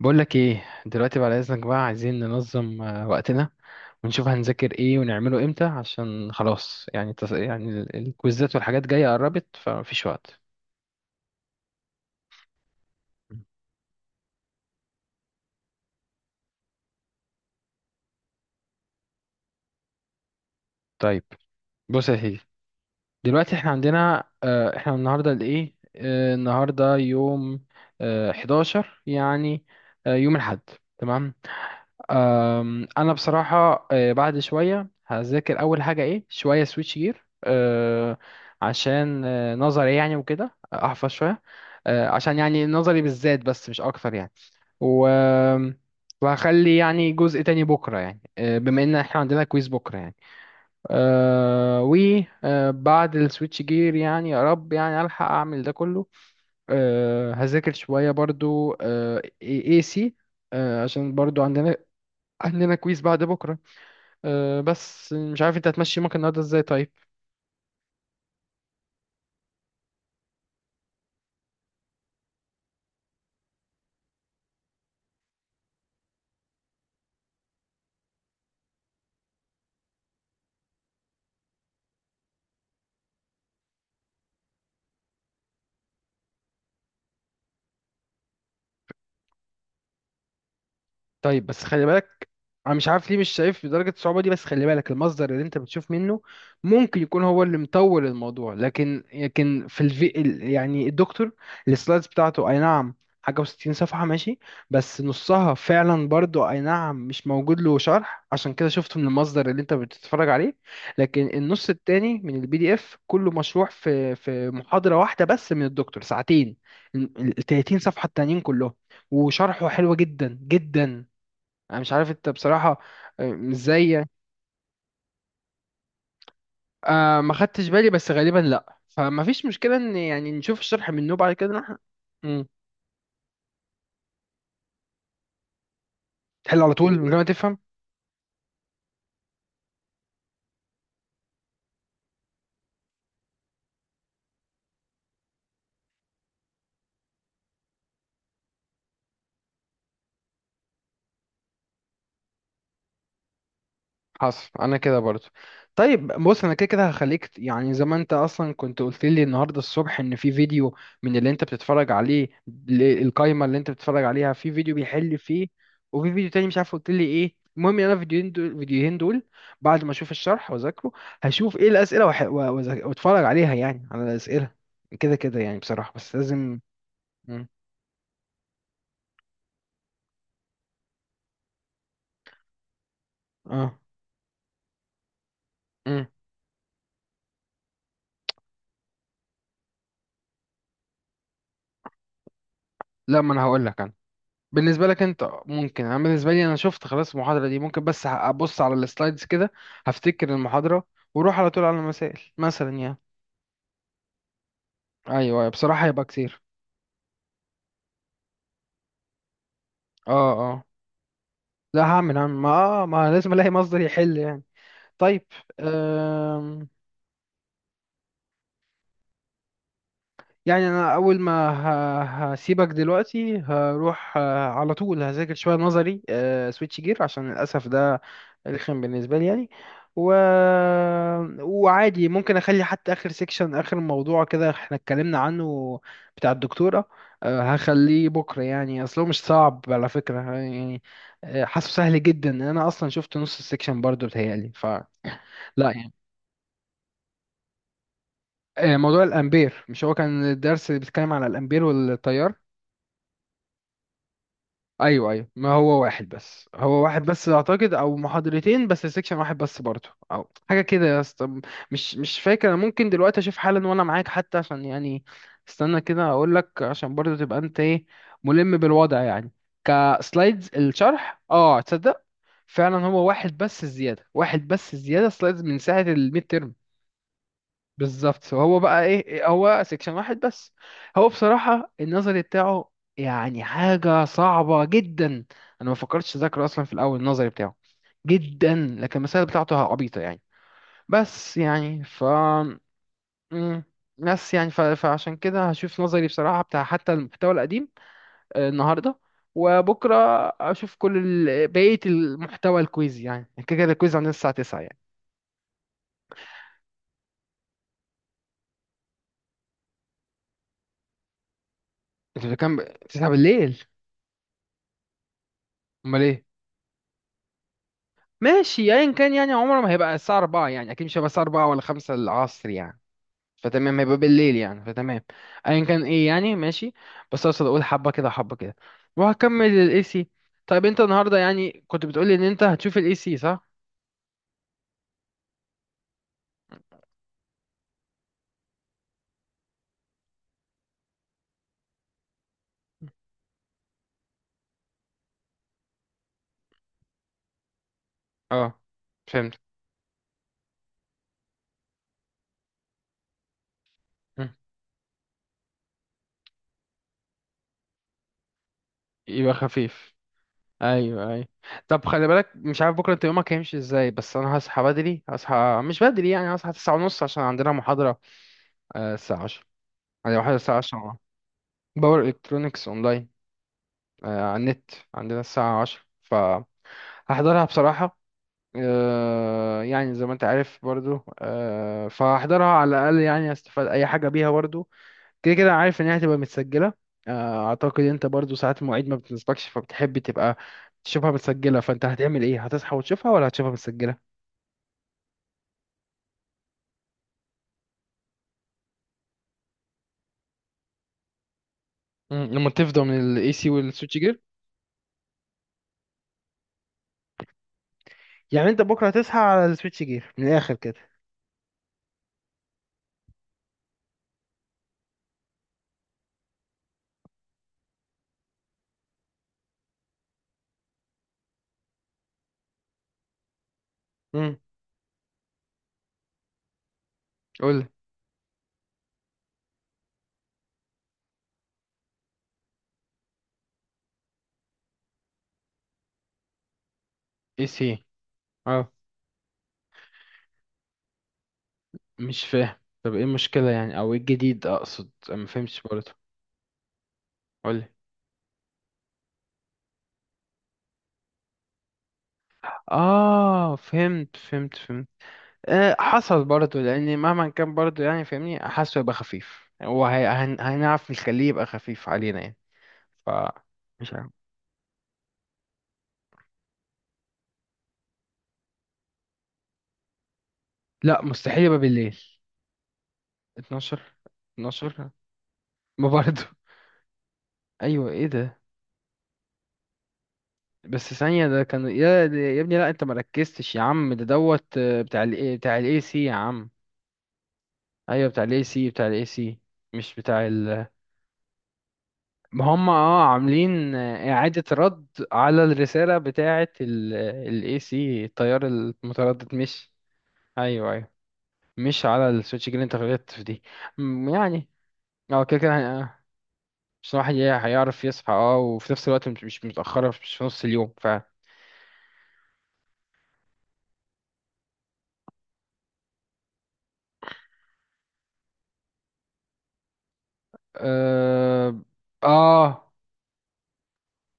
بقول لك ايه دلوقتي بعد اذنك بقى عايزين ننظم وقتنا ونشوف هنذاكر ايه ونعمله امتى عشان خلاص يعني يعني الكويزات والحاجات جايه قربت فمفيش وقت. طيب. بص يا سيدي، دلوقتي احنا عندنا، احنا النهارده الايه آه، النهارده يوم، 11 يعني، يوم الاحد. تمام. انا بصراحه بعد شويه هذاكر اول حاجه ايه شويه سويتش جير، عشان نظري يعني وكده احفظ شويه. عشان يعني نظري بالذات بس مش اكتر يعني. و وهخلي يعني جزء تاني بكره يعني، بما ان احنا عندنا كويز بكره يعني. أه، و أه، بعد السويتش جير يعني يا رب يعني الحق اعمل ده كله. هذاكر شويه برضو أه اي سي عشان برضو عندنا كويس بعد بكرة. أه بس مش عارف انت هتمشي يومك النهاردة ازاي؟ طيب. طيب بس خلي بالك، انا مش عارف ليه مش شايف بدرجه الصعوبه دي، بس خلي بالك المصدر اللي انت بتشوف منه ممكن يكون هو اللي مطول الموضوع. لكن يعني الدكتور السلايدز بتاعته، اي نعم، حاجه وستين صفحه ماشي، بس نصها فعلا برضو اي نعم مش موجود له شرح، عشان كده شفته من المصدر اللي انت بتتفرج عليه. لكن النص التاني من البي دي اف كله مشروح في محاضره واحده بس من الدكتور، ساعتين. ال 30 صفحه التانيين كلهم، وشرحه حلو جدا جدا. انا مش عارف انت بصراحة ازاي يعني. آه ما خدتش بالي بس غالبا لا، فما فيش مشكلة ان يعني نشوف الشرح منه بعد كده نروح. مم. تحل على طول من غير ما تفهم. حصل انا كده برضو. طيب بص انا كده كده هخليك يعني زي ما انت اصلا كنت قلت لي النهارده الصبح ان في فيديو من اللي انت بتتفرج عليه، القايمه اللي انت بتتفرج عليها، في فيديو بيحل فيه، وفي فيديو تاني مش عارف قلت لي ايه. المهم يعني انا الفيديوهين دول بعد ما اشوف الشرح واذاكره هشوف ايه الاسئله واتفرج عليها يعني على الاسئله كده كده يعني بصراحه، بس لازم. مم. اه. مم. لا ما انا هقول لك، بالنسبة لك انت ممكن، انا بالنسبة لي انا شفت خلاص المحاضرة دي ممكن بس ابص على السلايدز كده هفتكر المحاضرة واروح على طول على المسائل مثلا يعني. ايوه ايوه بصراحة هيبقى كتير. اه اه. لا هعمل هعمل ما ما لازم الاقي مصدر يحل يعني. طيب. يعني انا اول ما هسيبك دلوقتي، هروح على طول هذاكر شويه نظري سويتش جير عشان للاسف ده رخم بالنسبه لي يعني. و... وعادي ممكن اخلي حتى اخر سيكشن، اخر موضوع كده احنا اتكلمنا عنه بتاع الدكتوره، هخليه بكره يعني، اصله مش صعب على فكره يعني. حاسه سهل جدا، انا اصلا شفت نص السيكشن برضه بتهيألي فلا. يعني موضوع الامبير، مش هو كان الدرس بيتكلم على الامبير والتيار؟ ايوه ايوه، ما هو واحد بس، هو واحد بس اعتقد، او محاضرتين بس سيكشن واحد بس برضه، او حاجه كده يا اسطى. مش فاكر انا، ممكن دلوقتي اشوف حالا وانا معاك حتى عشان يعني استنى كده اقول لك، عشان برضه تبقى انت ايه، ملم بالوضع يعني. كسلايدز الشرح، اه تصدق فعلا هو واحد بس، الزياده واحد بس، الزياده سلايدز من ساعه الميد ترم. بالظبط، هو بقى ايه، هو سيكشن واحد بس. هو بصراحة النظري بتاعه يعني حاجة صعبة جدا، انا ما فكرتش اذاكره اصلا في الاول، النظري بتاعه جدا. لكن المسائل بتاعته عبيطة يعني. بس يعني ف. مم. بس يعني ف... فعشان كده هشوف نظري بصراحة بتاع حتى المحتوى القديم النهاردة وبكرة. أشوف كل بقية المحتوى، الكويز يعني كده كده الكويز عندنا الساعة 9 يعني. إنتوا كام؟ 9 بالليل. أمال إيه؟ ماشي ايا كان يعني، عمره ما هيبقى الساعة 4 يعني، اكيد مش هيبقى الساعة 4 ولا 5 العصر يعني، فتمام هيبقى بالليل يعني فتمام. ايا كان ايه يعني ماشي. بس اقصد اقول حبة كده حبة كده، وهكمل الاي سي. طيب انت النهاردة يعني كنت بتقولي ان انت هتشوف الاي سي صح؟ اه فهمت. مم. يبقى خفيف. ايوه ايوه. طب خلي بالك، مش عارف بكرة انت يومك هيمشي ازاي، بس انا هصحى بدري، هصحى مش بدري يعني، هصحى 9:30 ونص عشان عندنا محاضرة الساعة 10 يعني، محاضرة الساعة 10 باور الكترونكس اونلاين، على النت عندنا الساعة عشرة فهحضرها بصراحة. يعني زي ما انت عارف برضو فهحضرها على الأقل يعني استفاد أي حاجة بيها برضو، كده كده عارف إن هي هتبقى متسجلة. أعتقد أنت برضو ساعات المواعيد ما بتنسبكش فبتحب تبقى تشوفها متسجلة، فأنت هتعمل إيه، هتصحى وتشوفها ولا هتشوفها متسجلة؟ مم، لما تفضى من الاي سي والسويتش جير. يعني أنت بكرة هتصحى على السويتش جير من الآخر كده. امم. قول. اي سي. مش فاهم. طب ايه المشكلة يعني او ايه الجديد اقصد، أنا ما فهمتش برضه. قولي. اه فهمت فهمت فهمت. آه حصل برضه، لان مهما كان برضه يعني فاهمني حاسه يبقى خفيف، وهنعرف نخليه يبقى خفيف علينا يعني. ف. مش عارف. لا مستحيل يبقى بالليل. 12. 12. ما برضه. ايوه ايه ده؟ بس ثانية، ده كان يا يا ابني، لا انت مركزتش يا عم، ده دوت بتاع بتاع الاي سي يا عم. ايوه بتاع الاي سي، بتاع الاي سي، مش بتاع ال. هم اه عاملين إعادة رد على الرسالة بتاعة ال، ال AC، التيار المتردد مش. أيوه أيوه. مش على السويتش جرين، انت غلطت في دي. يعني. اه كده كده مش الواحد هيعرف يصحى اه، وفي نفس الوقت مش مش متأخرة، مش في نص اليوم ف. اه. آه،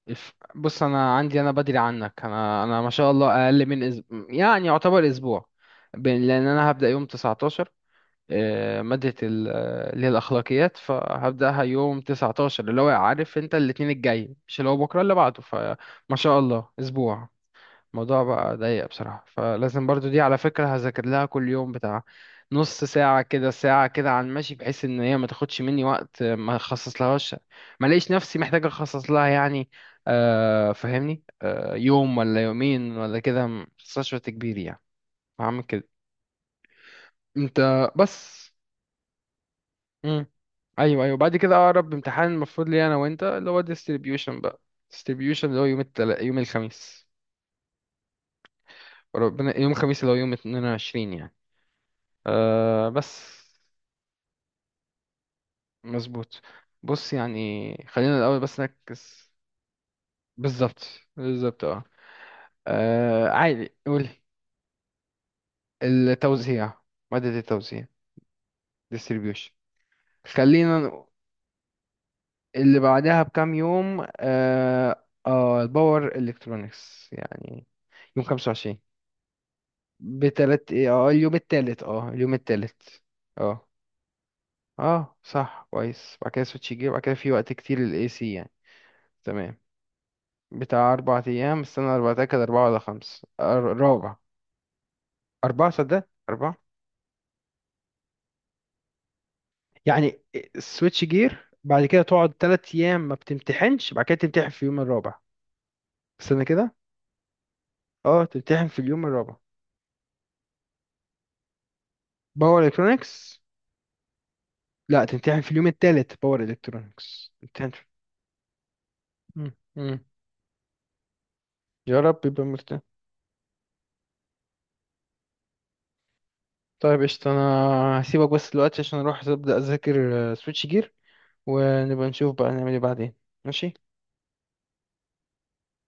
بص أنا عندي أنا بدري عنك، أنا أنا ما شاء الله أقل من أسبوع يعني يعتبر أسبوع لأن أنا هبدأ يوم 19، مادة اللي هي الأخلاقيات فهبدأها يوم 19، اللي هو عارف أنت الاتنين الجاي مش اللي هو بكرة اللي بعده، فما شاء الله أسبوع. الموضوع بقى ضيق بصراحة، فلازم برضو دي على فكرة هذاكر لها كل يوم بتاع نص ساعة كده ساعة كده عن ماشي، بحيث إن هي ما تاخدش مني وقت ما أخصص لهاش، ما لقيش نفسي محتاج أخصص لها يعني، فاهمني، يوم ولا يومين ولا كده ما أخصصش وقت كبير يعني. هعمل كده. أنت بس. امم. ايوه ايوه بعد كده اقرب امتحان المفروض لي انا وانت اللي هو distribution بقى، distribution اللي هو يوم يوم الخميس، ربنا، يوم الخميس اللي هو يوم 22 يعني. آه بس. مظبوط. بص يعني خلينا الاول بس نركز. بالظبط. بالظبط اه. عادي قولي. التوزيع، مادة التوزيع، distribution. خلينا اللي بعدها بكام يوم اه، الباور الكترونكس يعني، يوم 25. بتلات ايه، اه اليوم التالت، اه اليوم التالت. اه اه صح كويس، بعد كده سويتش جه، بعد كده في وقت كتير للاي سي يعني. تمام. بتاع اربع ايام، استنى، اربع، تاكد، اربعة ولا خمس رابع. اربعة، صدق اربعة. يعني سويتش جير بعد كده تقعد تلات ايام ما بتمتحنش، بعد كده تمتحن في اليوم الرابع. استنى كده. اه تمتحن في اليوم الرابع باور الكترونكس. لا تمتحن في اليوم التالت باور الكترونكس، مم، مم. يا رب يبقى مرتاح. طيب قشطة، أنا هسيبك بس دلوقتي عشان أروح أبدأ أذاكر سويتش جير، ونبقى نشوف بقى نعمل إيه بعدين. ماشي.